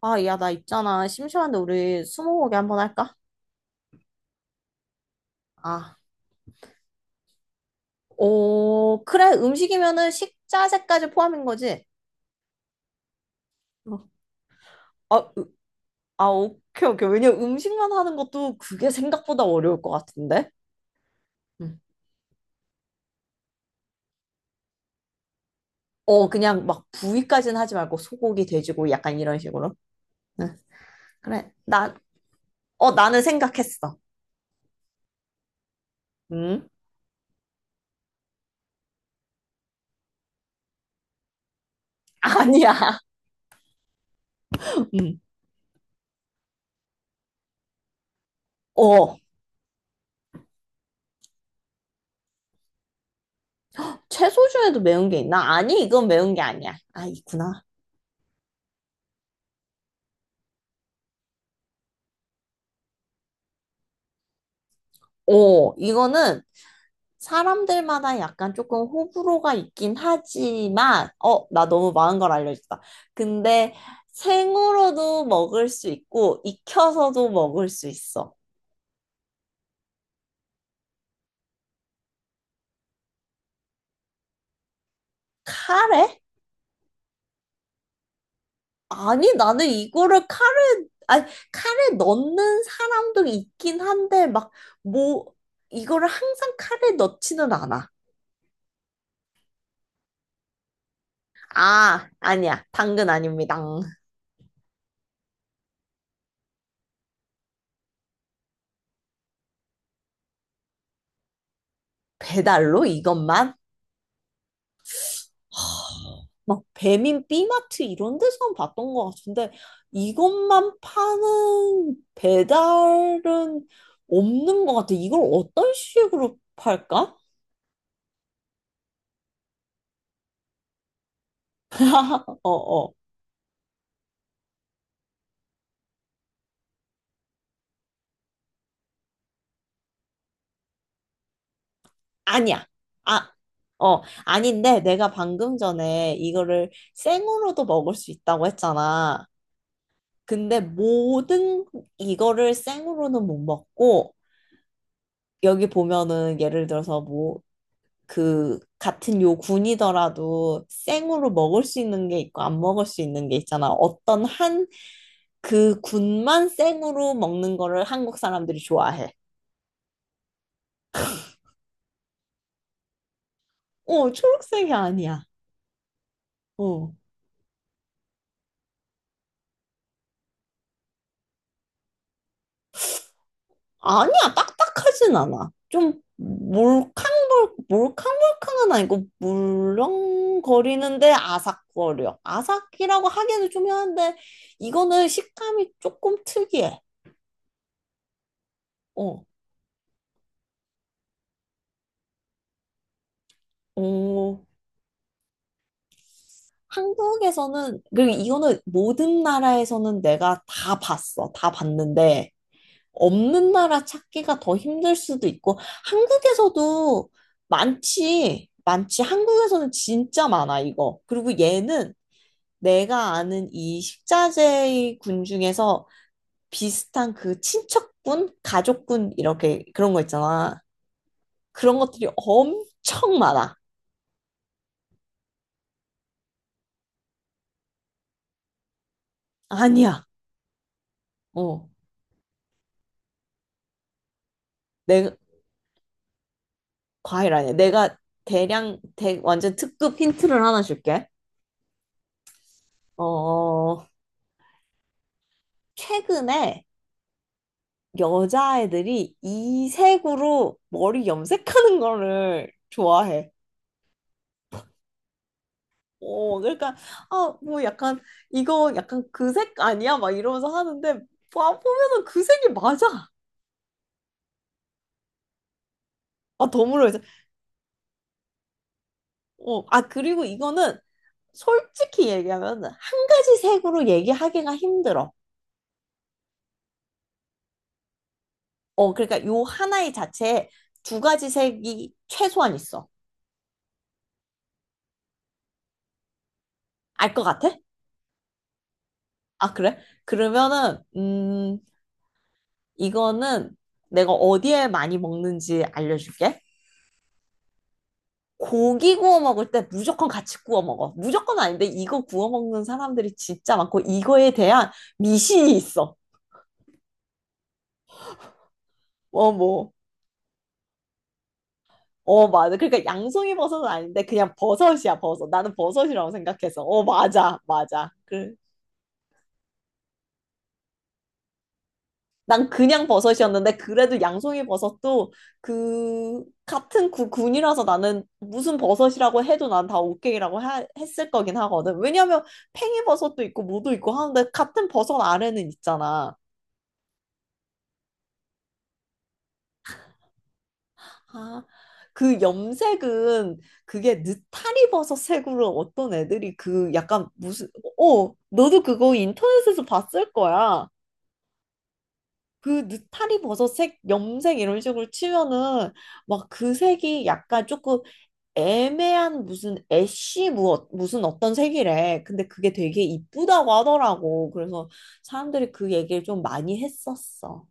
야, 나 있잖아. 심심한데 우리 스무고개 한번 할까? 아, 오, 그래. 음식이면은 식자재까지 포함인 거지? 어. 아, 으. 오케이, 오케이. 왜냐면 음식만 하는 것도 그게 생각보다 어려울 것 같은데? 응. 그냥 막 부위까지는 하지 말고 소고기, 돼지고 약간 이런 식으로. 응, 그래. 나는 생각했어. 응? 아니야. 응. 어, 채소 중에도 매운 게 있나? 아니, 이건 매운 게 아니야. 아, 있구나. 이거는 사람들마다 약간 조금 호불호가 있긴 하지만, 나 너무 많은 걸 알려줬다. 근데 생으로도 먹을 수 있고, 익혀서도 먹을 수 있어. 카레? 아니, 나는 이거를 카레, 아니, 카레 넣는 사람도 있긴 한데, 막, 뭐, 이거를 항상 카레 넣지는 않아. 아, 아니야. 당근 아닙니다. 배달로 이것만? 막 배민 B마트 이런 데서는 봤던 것 같은데 이것만 파는 배달은 없는 것 같아. 이걸 어떤 식으로 팔까? 어, 어. 아니야. 아, 어. 아닌데 내가 방금 전에 이거를 생으로도 먹을 수 있다고 했잖아. 근데 모든 이거를 생으로는 못 먹고 여기 보면은 예를 들어서 뭐 그 같은 요 군이더라도 생으로 먹을 수 있는 게 있고 안 먹을 수 있는 게 있잖아. 어떤 한 그 군만 생으로 먹는 거를 한국 사람들이 좋아해. 초록색이 아니야. 어. 아니야, 딱딱하진 않아. 좀 몰캉몰캉은 아니고 물렁거리는데 아삭거려. 아삭이라고 하기에는 좀 이한데 이거는 식감이 조금 특이해. 어. 어. 한국에서는, 그리고 이거는 모든 나라에서는 내가 다 봤어. 다 봤는데, 없는 나라 찾기가 더 힘들 수도 있고, 한국에서도 많지. 많지. 한국에서는 진짜 많아, 이거. 그리고 얘는 내가 아는 이 식자재 군 중에서 비슷한 그 친척군, 가족군, 이렇게 그런 거 있잖아. 그런 것들이 엄청 많아. 아니야. 어. 내, 과일 아니야. 내가 대량, 완전 특급 힌트를 하나 줄게. 어, 최근에 여자애들이 이색으로 머리 염색하는 거를 좋아해. 그러니까, 아, 뭐 약간, 이거 약간 그 색 아니야? 막 이러면서 하는데, 보면은 그 색이 맞아. 아, 더물어 이제. 그리고 이거는 솔직히 얘기하면 한 가지 색으로 얘기하기가 힘들어. 그러니까 요 하나의 자체에 두 가지 색이 최소한 있어. 알 것 같아? 아, 그래? 그러면은, 이거는 내가 어디에 많이 먹는지 알려줄게. 고기 구워 먹을 때 무조건 같이 구워 먹어. 무조건 아닌데 이거 구워 먹는 사람들이 진짜 많고 이거에 대한 미신이 있어. 어, 뭐. 어, 맞아. 그러니까 양송이 버섯은 아닌데 그냥 버섯이야, 버섯. 나는 버섯이라고 생각해서. 어, 맞아, 맞아. 난 그냥 버섯이었는데 그래도 양송이 버섯도 그 같은 군이라서 나는 무슨 버섯이라고 해도 난 다 오케이라고 했을 거긴 하거든. 왜냐면 팽이 버섯도 있고 뭐도 있고 하는데 같은 버섯 아래는 있잖아. 아, 그 염색은 그게 느타리 버섯 색으로 어떤 애들이 그 약간 무슨 너도 그거 인터넷에서 봤을 거야. 그 느타리 버섯 색 염색 이런 식으로 치면은 막 그 색이 약간 조금 애매한 무슨 애쉬 무슨 어떤 색이래. 근데 그게 되게 이쁘다고 하더라고. 그래서 사람들이 그 얘기를 좀 많이 했었어.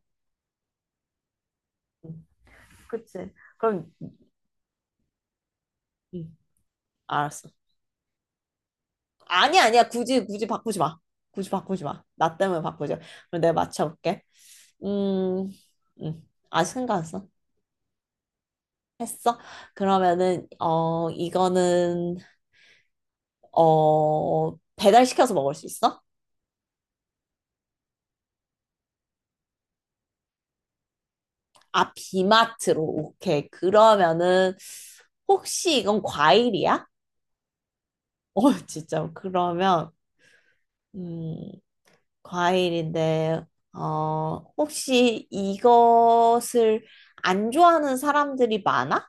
응, 그치. 그럼, 응, 알았어. 아니, 야, 아니야. 굳이, 굳이 바꾸지 마. 굳이 바꾸지 마. 나 때문에 바꾸지 마. 그럼 내가 맞춰볼게. 음, 아직 생각 안 했어? 했어? 그러면은, 이거는, 배달시켜서 먹을 수 있어? 아, 비마트로. 오케이. 그러면은, 혹시 이건 과일이야? 어, 진짜. 그러면, 음, 과일인데, 혹시 이것을 안 좋아하는 사람들이 많아?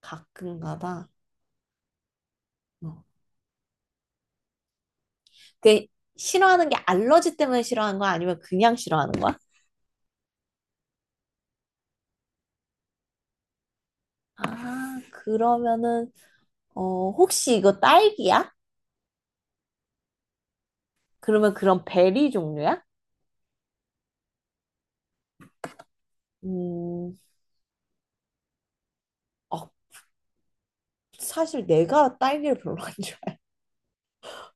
가끔가다. 어. 그, 싫어하는 게 알러지 때문에 싫어하는 거야? 아니면 그냥 싫어하는 거야? 아, 그러면은, 혹시 이거 딸기야? 그러면 그런 베리 종류야? 음, 어, 사실 내가 딸기를 별로 안 좋아해요.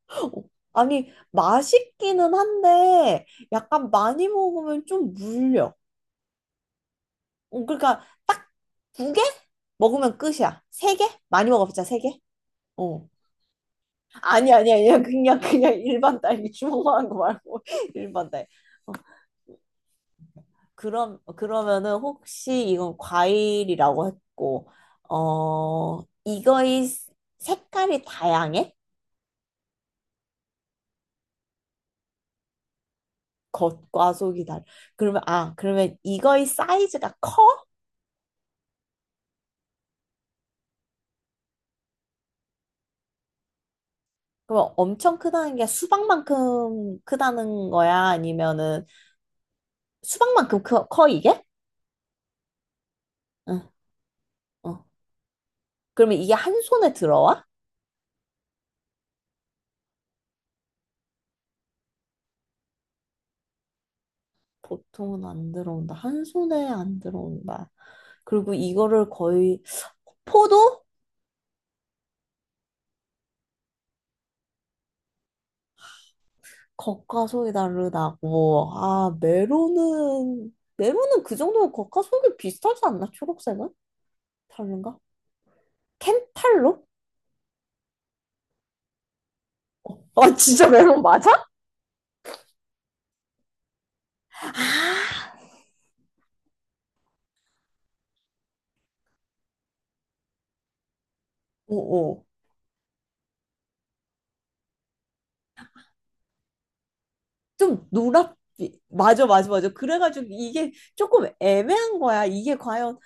아니, 맛있기는 한데, 약간 많이 먹으면 좀 물려. 그러니까 딱 두 개? 먹으면 끝이야. 세 개? 많이 먹어봤자 세 개? 어. 아니, 아니, 아니야. 그냥, 그냥 일반 딸기 주먹만 한 거 말고, 일반 딸기. 어, 그럼, 그러면은 혹시 이건 과일이라고 했고, 이거의 색깔이 다양해? 겉과 속이 달라. 그러면 이거의 사이즈가 커? 그럼 엄청 크다는 게 수박만큼 크다는 거야? 아니면은 수박만큼 커, 커 이게? 응, 어. 그러면 이게 한 손에 들어와? 보통은 안 들어온다. 한 손에 안 들어온다. 그리고 이거를 거의, 포도? 겉과 속이 다르다고. 아, 메론은 그 정도면 겉과 속이 비슷하지 않나? 초록색은? 다른가? 켄탈로? 아, 진짜 메론 맞아? 어어. 좀 노랗게. 맞아, 맞아, 맞아. 그래가지고 이게 조금 애매한 거야. 이게 과연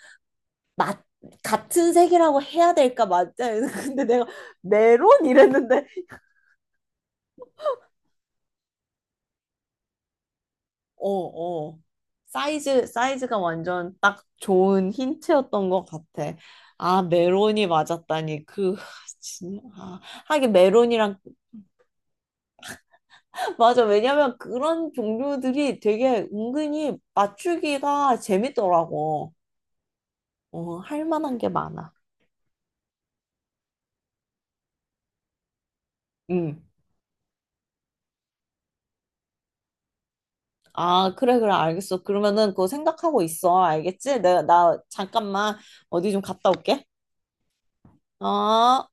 맞, 같은 색이라고 해야 될까? 맞아. 근데 내가 메론 이랬는데, 어, 어. 사이즈가 완전 딱 좋은 힌트였던 것 같아. 아, 메론이 맞았다니. 진, 아, 하긴 메론이랑, 맞아. 왜냐면 그런 종류들이 되게 은근히 맞추기가 재밌더라고. 할 만한 게 많아. 응. 아, 그래, 그래, 알겠어. 그러면은 그거 생각하고 있어. 알겠지? 나 잠깐만 어디 좀 갔다 올게. 어.